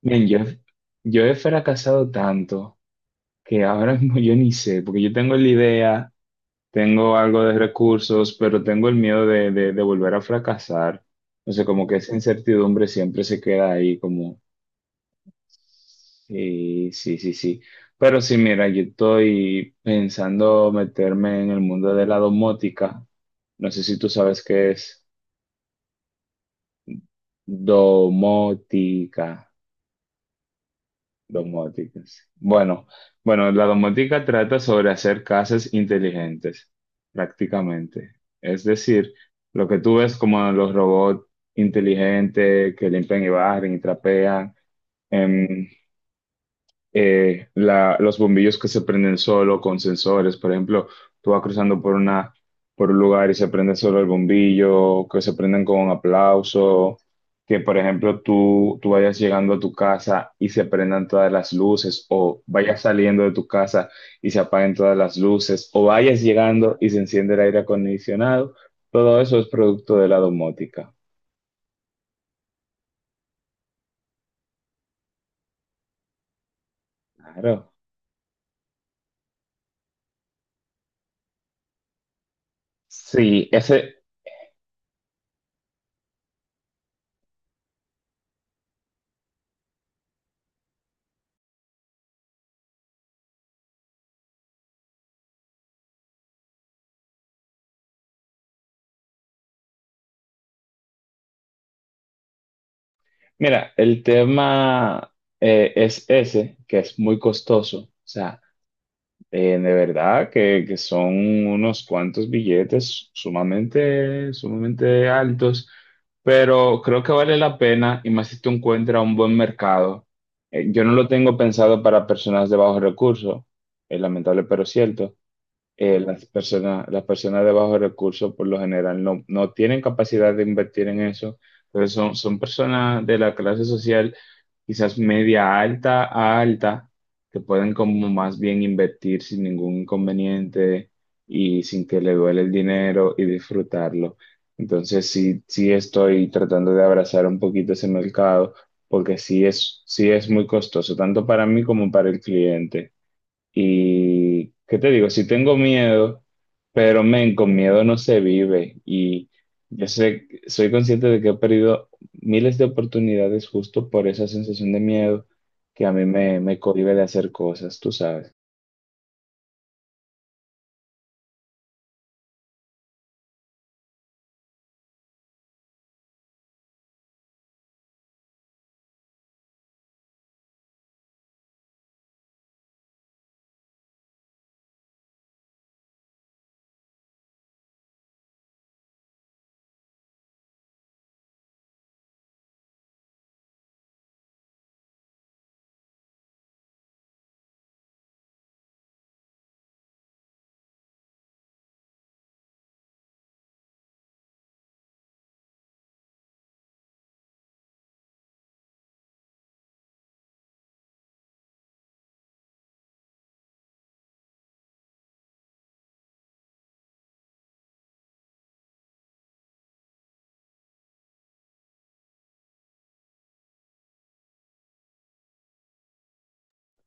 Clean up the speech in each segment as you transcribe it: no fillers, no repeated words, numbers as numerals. Bien, yo he fracasado tanto que ahora mismo yo ni sé, porque yo tengo la idea, tengo algo de recursos, pero tengo el miedo de volver a fracasar. No sé, como que esa incertidumbre siempre se queda ahí, como, sí, sí, sí, sí. Pero sí, mira, yo estoy pensando meterme en el mundo de la domótica. No sé si tú sabes qué es domótica. Domóticas. Bueno, bueno, la domótica trata sobre hacer casas inteligentes, prácticamente. Es decir, lo que tú ves como los robots inteligentes que limpian y barren y trapean, em, los bombillos que se prenden solo con sensores. Por ejemplo, tú vas cruzando por una, por un lugar y se prende solo el bombillo, que se prenden con un aplauso, que por ejemplo tú vayas llegando a tu casa y se prendan todas las luces, o vayas saliendo de tu casa y se apaguen todas las luces, o vayas llegando y se enciende el aire acondicionado. Todo eso es producto de la domótica. Claro. Sí, ese, Mira, el tema es ese, que es muy costoso. O sea, de verdad que son unos cuantos billetes sumamente, sumamente altos, pero creo que vale la pena y más si tú encuentras un buen mercado. Yo no lo tengo pensado para personas de bajos recursos, es lamentable pero cierto. Las personas de bajos recursos por lo general no tienen capacidad de invertir en eso, pero son personas de la clase social quizás media alta a alta que pueden como más bien invertir sin ningún inconveniente y sin que le duele el dinero y disfrutarlo. Entonces sí, sí estoy tratando de abrazar un poquito ese mercado porque sí es muy costoso, tanto para mí como para el cliente. Y, ¿qué te digo? Si tengo miedo, pero men, con miedo no se vive. Y yo sé, soy consciente de que he perdido miles de oportunidades justo por esa sensación de miedo que me cohíbe de hacer cosas, tú sabes.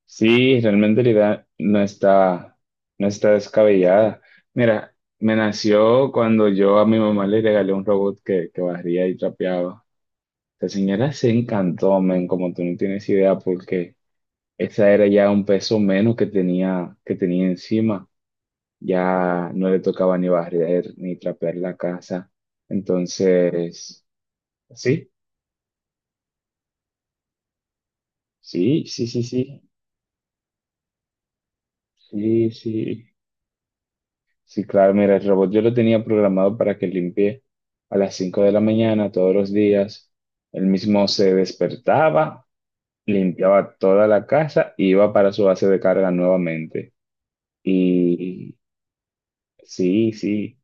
Sí, realmente la idea no está, no está descabellada. Mira, me nació cuando yo a mi mamá le regalé un robot que barría y trapeaba. La señora se encantó, men, como tú no tienes idea, porque esa era ya un peso menos que tenía encima. Ya no le tocaba ni barrer ni trapear la casa. Entonces, sí, sí, sí, sí, sí, sí, sí. Sí, claro, mira, el robot yo lo tenía programado para que limpie a las 5 de la mañana todos los días. Él mismo se despertaba, limpiaba toda la casa y iba para su base de carga nuevamente. Y sí, sí.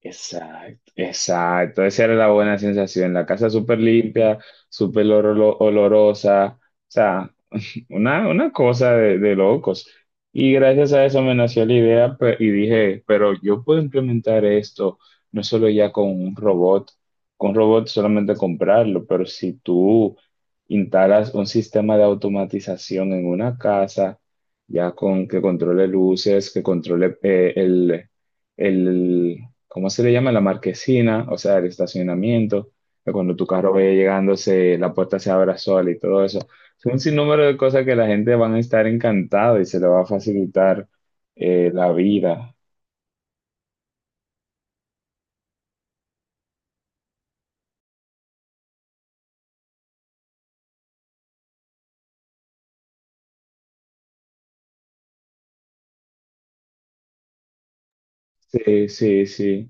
Exacto, exacto. Esa era la buena sensación. La casa súper limpia, olorosa. O sea, una cosa de locos. Y gracias a eso me nació la idea y dije, pero yo puedo implementar esto no solo ya con un robot solamente comprarlo, pero si tú instalas un sistema de automatización en una casa, ya con que controle luces, que controle el, ¿cómo se le llama? La marquesina, o sea, el estacionamiento, que cuando tu carro vaya llegando, la puerta se abra sola y todo eso son un sinnúmero de cosas que la gente van a estar encantada y se le va a facilitar la vida. Sí, sí, sí,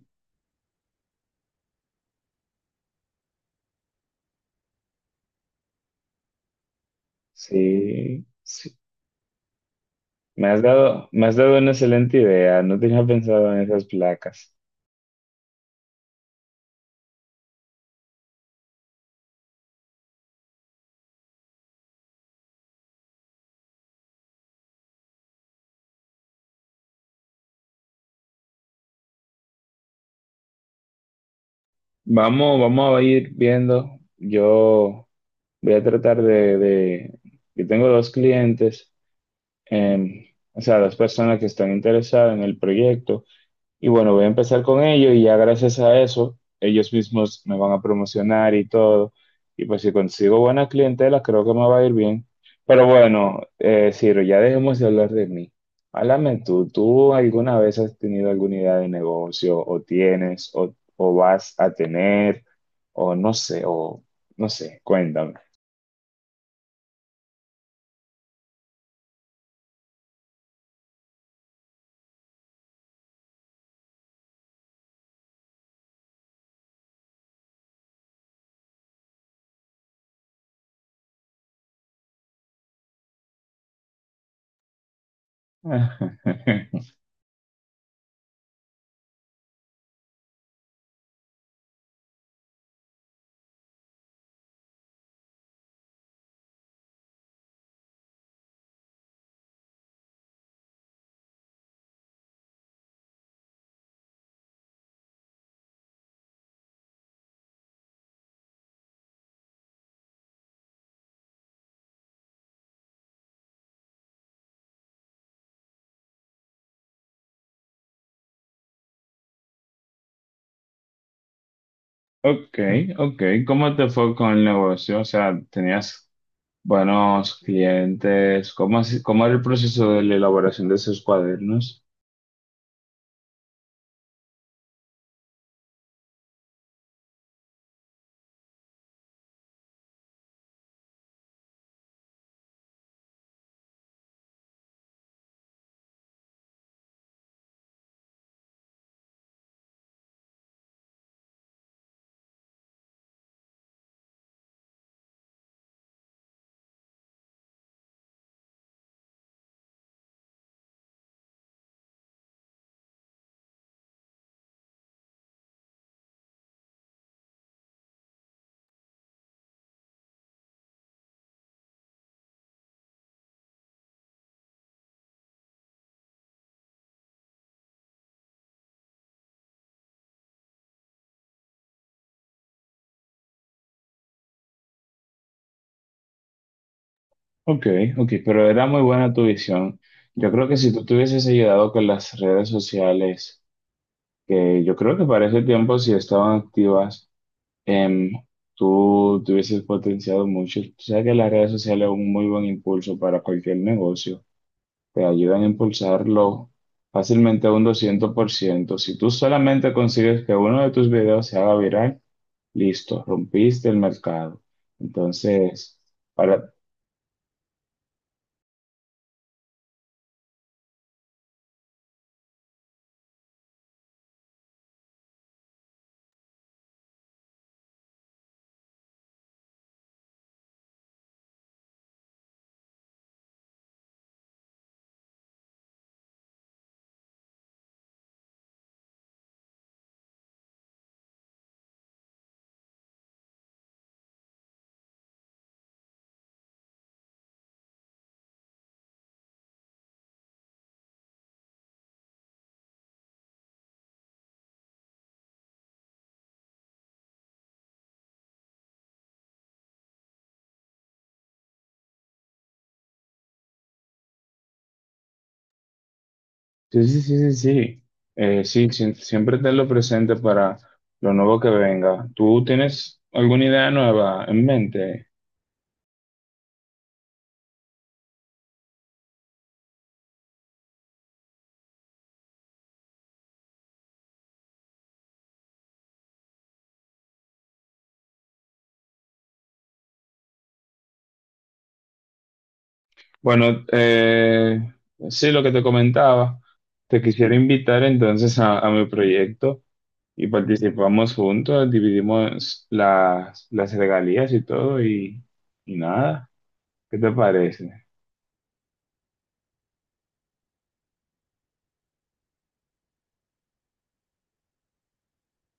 sí, sí. Me has dado una excelente idea. No tenía pensado en esas placas. Vamos, vamos a ir viendo. Yo voy a tratar yo tengo dos clientes, em, o sea, dos personas que están interesadas en el proyecto. Y bueno, voy a empezar con ellos y ya gracias a eso, ellos mismos me van a promocionar y todo. Y pues si consigo buena clientela, creo que me va a ir bien. Pero bueno, Ciro, ya dejemos de hablar de mí. Háblame tú, ¿tú alguna vez has tenido alguna idea de negocio o tienes o vas a tener o no sé, cuéntame. Ok, ok, ¿cómo te fue con el negocio? O sea, ¿tenías buenos clientes? ¿Cómo, cómo era el proceso de la elaboración de esos cuadernos? Ok, ok, pero era muy buena tu visión. Yo creo que si tú te hubieses ayudado con las redes sociales, que yo creo que para ese tiempo si estaban activas, em, tú te hubieses potenciado mucho. Tú sabes que las redes sociales son un muy buen impulso para cualquier negocio. Te ayudan a impulsarlo fácilmente a un 200%. Si tú solamente consigues que uno de tus videos se haga viral, listo, rompiste el mercado. Entonces, para... Sí, sí, sí, sí, sí. Sí, siempre tenlo presente para lo nuevo que venga. ¿Tú tienes alguna idea nueva en mente? Bueno, sí, lo que te comentaba, te quisiera invitar entonces a mi proyecto. Y participamos juntos, dividimos las regalías y todo, y nada. ¿Qué te parece?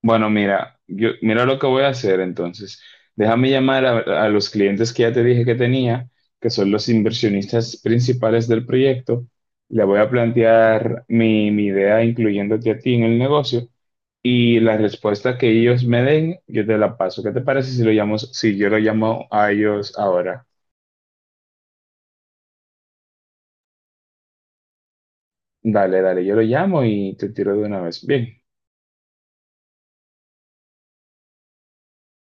Bueno, mira, yo, mira lo que voy a hacer entonces. Déjame llamar a los clientes que ya te dije que tenía, que son los inversionistas principales del proyecto. Le voy a plantear mi idea incluyéndote a ti en el negocio y la respuesta que ellos me den, yo te la paso. ¿Qué te parece si lo llamo, si yo lo llamo a ellos ahora? Dale, dale, yo lo llamo y te tiro de una vez. Bien.